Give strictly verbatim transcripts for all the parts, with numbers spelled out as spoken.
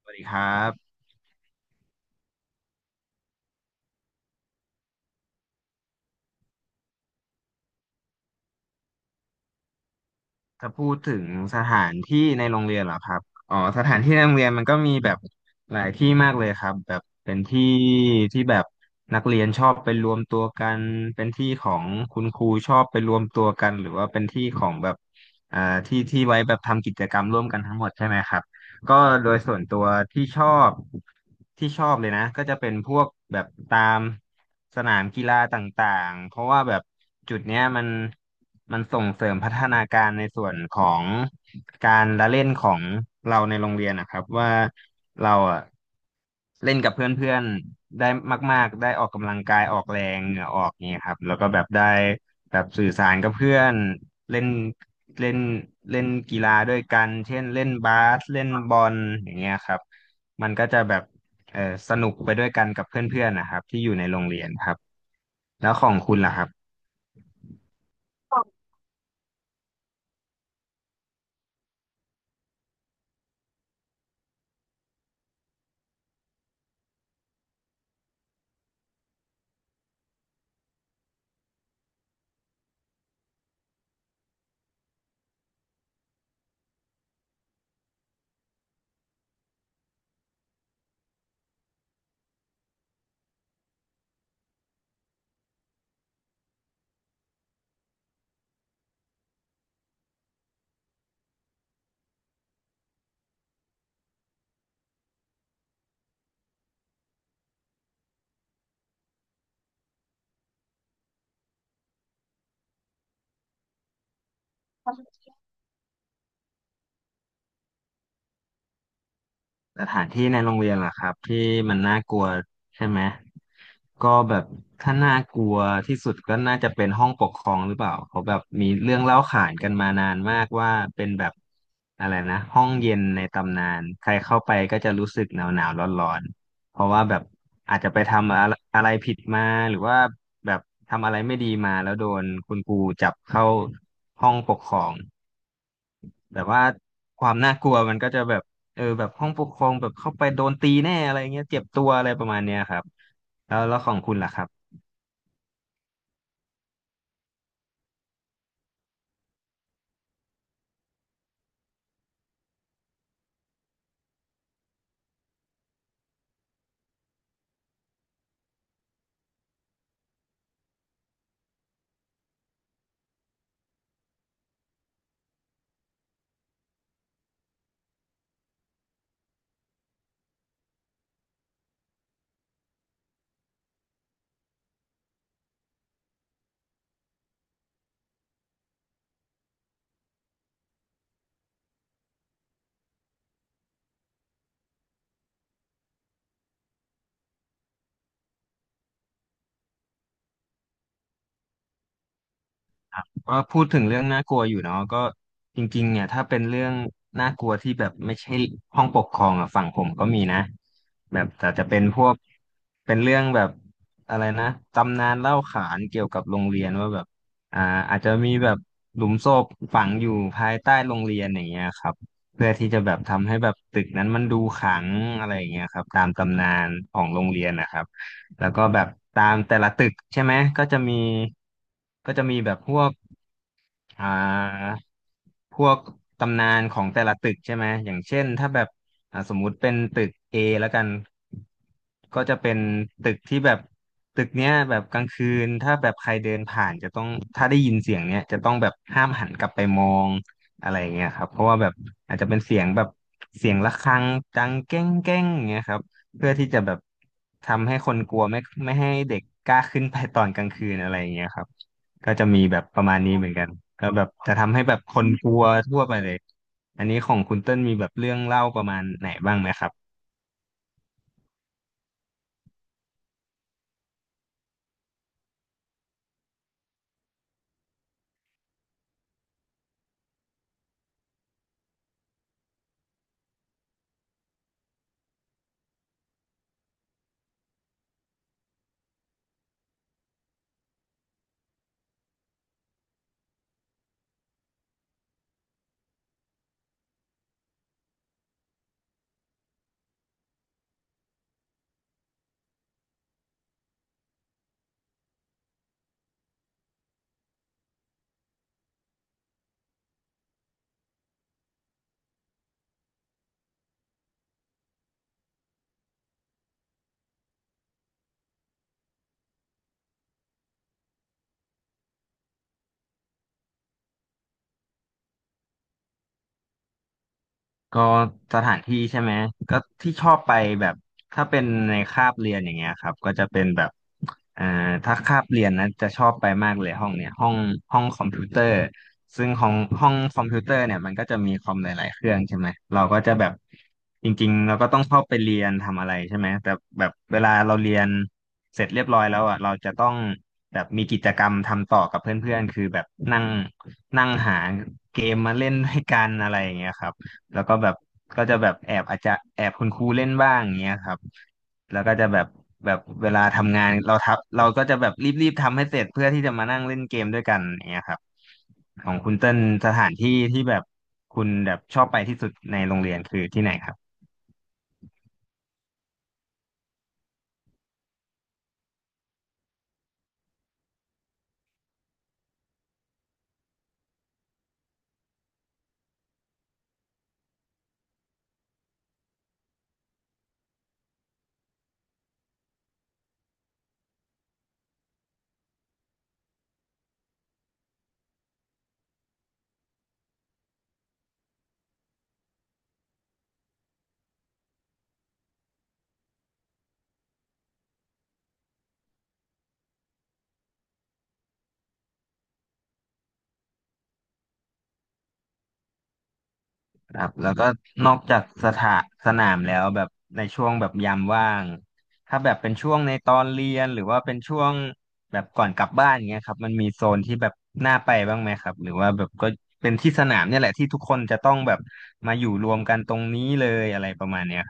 สวัสดีครับถ้าพูดถึงสถานที่ในโรงเรียนเหรอครับอ๋อสถานที่ในโรงเรียนมันก็มีแบบหลายที่มากเลยครับแบบเป็นที่ที่แบบนักเรียนชอบไปรวมตัวกันเป็นที่ของคุณครูชอบไปรวมตัวกันหรือว่าเป็นที่ของแบบอ่าที่ที่ไว้แบบทำกิจกรรมร่วมกันทั้งหมดใช่ไหมครับ ก็โดยส่วนตัวที่ชอบที่ชอบเลยนะก็จะเป็นพวกแบบตามสนามกีฬาต่างๆเพราะว่าแบบจุดเนี้ยมันมันส่งเสริมพัฒนาการในส่วนของการละเล่นของเราในโรงเรียนนะครับว่าเราอะเล่นกับเพื่อนๆได้มากๆได้ออกกำลังกายออกแรงเหงื่อออกเนี่ยครับแล้วก็แบบได้ แบบสื่อสารกับเพื่อนเล่นเล่นเล่นกีฬาด้วยกันเช่นเล่นบาสเล่นบอลอย่างเงี้ยครับมันก็จะแบบเออสนุกไปด้วยกันกับเพื่อนๆนะครับที่อยู่ในโรงเรียนครับแล้วของคุณล่ะครับ สถานที่ในโรงเรียนล่ะครับที่มันน่ากลัวใช่ไหมก็แบบถ้าน่ากลัวที่สุดก็น่าจะเป็นห้องปกครองหรือเปล่าเขาแบบมีเรื่องเล่าขานกันมานานมากว่าเป็นแบบอะไรนะห้องเย็นในตำนานใครเข้าไปก็จะรู้สึกหนาวหนาวร้อนร้อนๆเพราะว่าแบบอาจจะไปทำอะไรอะไรผิดมาหรือว่าแบบทำอะไรไม่ดีมาแล้วโดนคุณครูจับเข้าห้องปกครอง แบบว่าความน่ากลัวมันก็จะแบบเออแบบห้องปกครองแบบเข้าไปโดนตีแน่อะไรเงี้ยเจ็บตัวอะไรประมาณเนี้ยครับแล้วแล้วของคุณล่ะครับ ก็พูดถึงเรื่องน่ากลัวอยู่เนาะก็จริงๆเนี่ยถ้าเป็นเรื่องน่ากลัวที่แบบไม่ใช่ห้องปกครองอ่ะฝั่งผมก็มีนะแบบแต่จะเป็นพวกเป็นเรื่องแบบอะไรนะตำนานเล่าขานเกี่ยวกับโรงเรียนว่าแบบอ่าอาจจะมีแบบหลุมศพฝังอยู่ภายใต้โรงเรียนอย่างเงี้ยครับเพื่อที่จะแบบทำให้แบบตึกนั้นมันดูขลังอะไรอย่างเงี้ยครับตามตำนานของโรงเรียนนะครับแล้วก็แบบตามแต่ละตึกใช่ไหมก็จะมีก็จะมีแบบพวก อ่าพวกตำนานของแต่ละตึกใช่ไหมอย่างเช่นถ้าแบบอ่าสมมุติเป็นตึก เอ แล้วกันก็จะเป็นตึกที่แบบตึกเนี้ยแบบกลางคืนถ้าแบบใครเดินผ่านจะต้องถ้าได้ยินเสียงเนี้ยจะต้องแบบห้ามหันกลับไปมองอะไรเงี้ยครับเพราะว่าแบบอาจจะเป็นเสียงแบบเสียงระฆังดังแก้งแก้งเงี้ยครับเพื่อที่จะแบบทำให้คนกลัวไม่ไม่ให้เด็กกล้าขึ้นไปตอนกลางคืนอะไรเงี้ยครับ ก็จะมีแบบประมาณนี้เหมือนกันก็แบบจะทำให้แบบคนกลัวทั่วไปเลย อันนี้ของคุณเติ้ลมีแบบเรื่องเล่าประมาณไหนบ้างไหมครับ ก็สถานที่ใช่ไหมก็ที่ชอบไปแบบถ้าเป็นในคาบเรียนอย่างเงี้ยครับก็จะเป็นแบบอ่าถ้าคาบเรียนนะจะชอบไปมากเลยห้องเนี่ยห้องห้องคอมพิวเตอร์ซึ่งของห้องคอมพิวเตอร์เนี่ยมันก็จะมีคอมหลายๆเครื่องใช่ไหมเราก็จะแบบจริงๆเราก็ต้องเข้าไปเรียนทำอะไรใช่ไหมแต่แบบเวลาเราเรียนเสร็จเรียบร้อยแล้วอ่ะเราจะต้องแบบมีกิจกรรมทำต่อกับเพื่อนๆคือแบบนั่งนั่งหาเกมมาเล่นด้วยกันอะไรอย่างเงี้ยครับ แล้วก็แบบก็จะแบบแอบอาจจะแอบคุณครูเล่นบ้างอย่างเงี้ยครับแล้วก็จะแบบแบบเวลาทำงานเราทับเราก็จะแบบรีบๆทำให้เสร็จเพื่อที่จะมานั่งเล่นเกมด้วยกันอย่างเงี้ยครับของคุณเต้นสถานที่ที่แบบคุณแบบชอบไปที่สุดในโรงเรียนคือที่ไหนครับ ครับแล้วก็นอกจากสถาสนามแล้วแบบในช่วงแบบยามว่างถ้าแบบเป็นช่วงในตอนเรียนหรือว่าเป็นช่วงแบบก่อนกลับบ้านเงี้ยครับมันมีโซนที่แบบน่าไปบ้างไหมครับหรือว่าแบบก็เป็นที่สนามเนี่ยแหละที่ทุกคนจะต้องแบบมาอยู่รวมกันตรงนี้เลยอะไรประมาณเนี้ย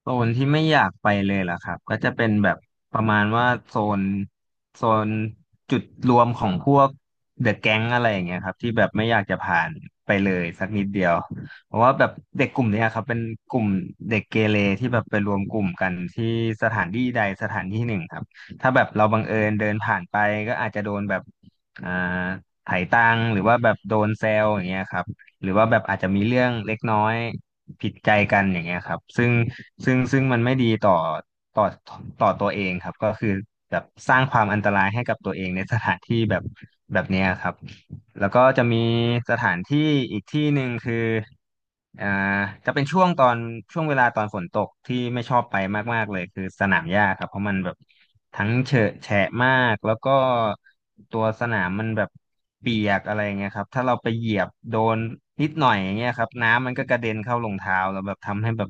โซนที่ไม่อยากไปเลยล่ะครับก็จะเป็นแบบประมาณว่าโซนโซนจุดรวมของพวกเดอะแก๊งอะไรอย่างเงี้ยครับที่แบบไม่อยากจะผ่านไปเลยสักนิดเดียวเพราะว่าแบบเด็กกลุ่มเนี้ยครับเป็นกลุ่มเด็กเกเรที่แบบไปรวมกลุ่มกันที่สถานที่ใดสถานที่หนึ่งครับถ้าแบบเราบังเอิญเดินผ่านไปก็อาจจะโดนแบบอ่าไถ่ตังค์หรือว่าแบบโดนแซวอย่างเงี้ยครับหรือว่าแบบอาจจะมีเรื่องเล็กน้อย ผิดใจกันอย่างเงี้ยครับซึ่งซึ่งซึ่งมันไม่ดีต่อต่อต่อตัวเองครับก็คือแบบสร้างความอันตรายให้กับตัวเองในสถานที่แบบแบบเนี้ยครับแล้วก็จะมีสถานที่อีกที่หนึ่งคืออ่าจะเป็นช่วงตอนช่วงเวลาตอนฝนตกที่ไม่ชอบไปมากๆเลยคือสนามหญ้าครับเพราะมันแบบ ทั้งเฉอะแฉะมากแล้วก็ตัวสนามมันแบบเปียกอะไรเงี้ยครับถ้าเราไปเหยียบโดนนิดหน่อยอย่างเงี้ยครับน้ำมันก็กระเด็นเข้ารองเท้าแล้วแบบทำให้แบบ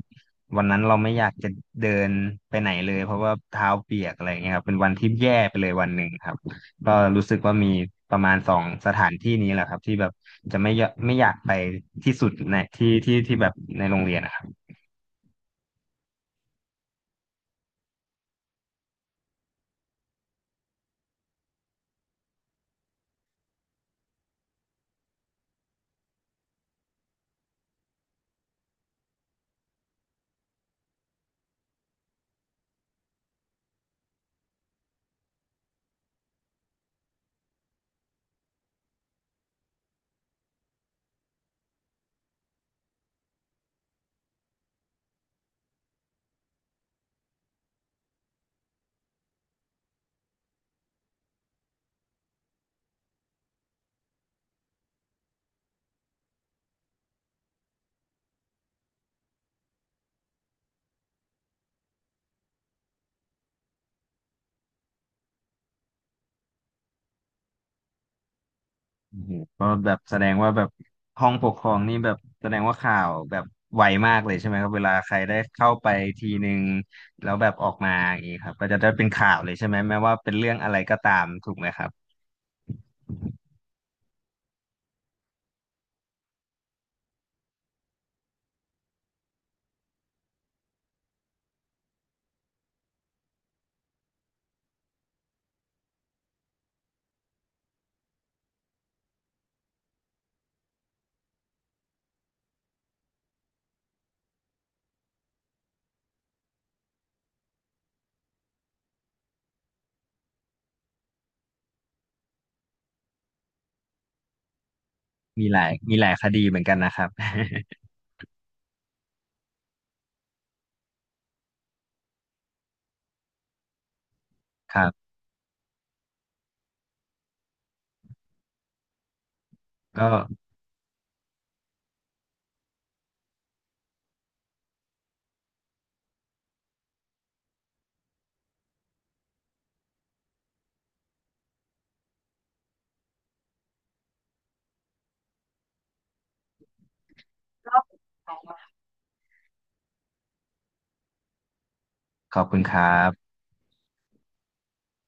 วันนั้นเราไม่อยากจะเดินไปไหนเลยเพราะว่าเท้าเปียกอะไรเงี้ยครับเป็นวันที่แย่ไปเลยวันหนึ่งครับก็รู้สึกว่ามีประมาณสองสถานที่นี้แหละครับที่แบบจะไม่ยไม่อยากไปที่สุดในที่ที่ที่แบบในโรงเรียนนะครับ โอ้โหก็แบบแสดงว่าแบบห้องปกครองนี่แบบแสดงว่าข่าวแบบไวมากเลยใช่ไหมครับเวลาใครได้เข้าไปทีหนึ่งแล้วแบบออกมาอย่างนี้ครับก็จะได้เป็นข่าวเลยใช่ไหมแม้ว่าเป็นเรื่องอะไรก็ตามถูกไหมครับมีหลายมีหลายคดีเหมือนกันนะครับ ครับก็ขอบคุณครับ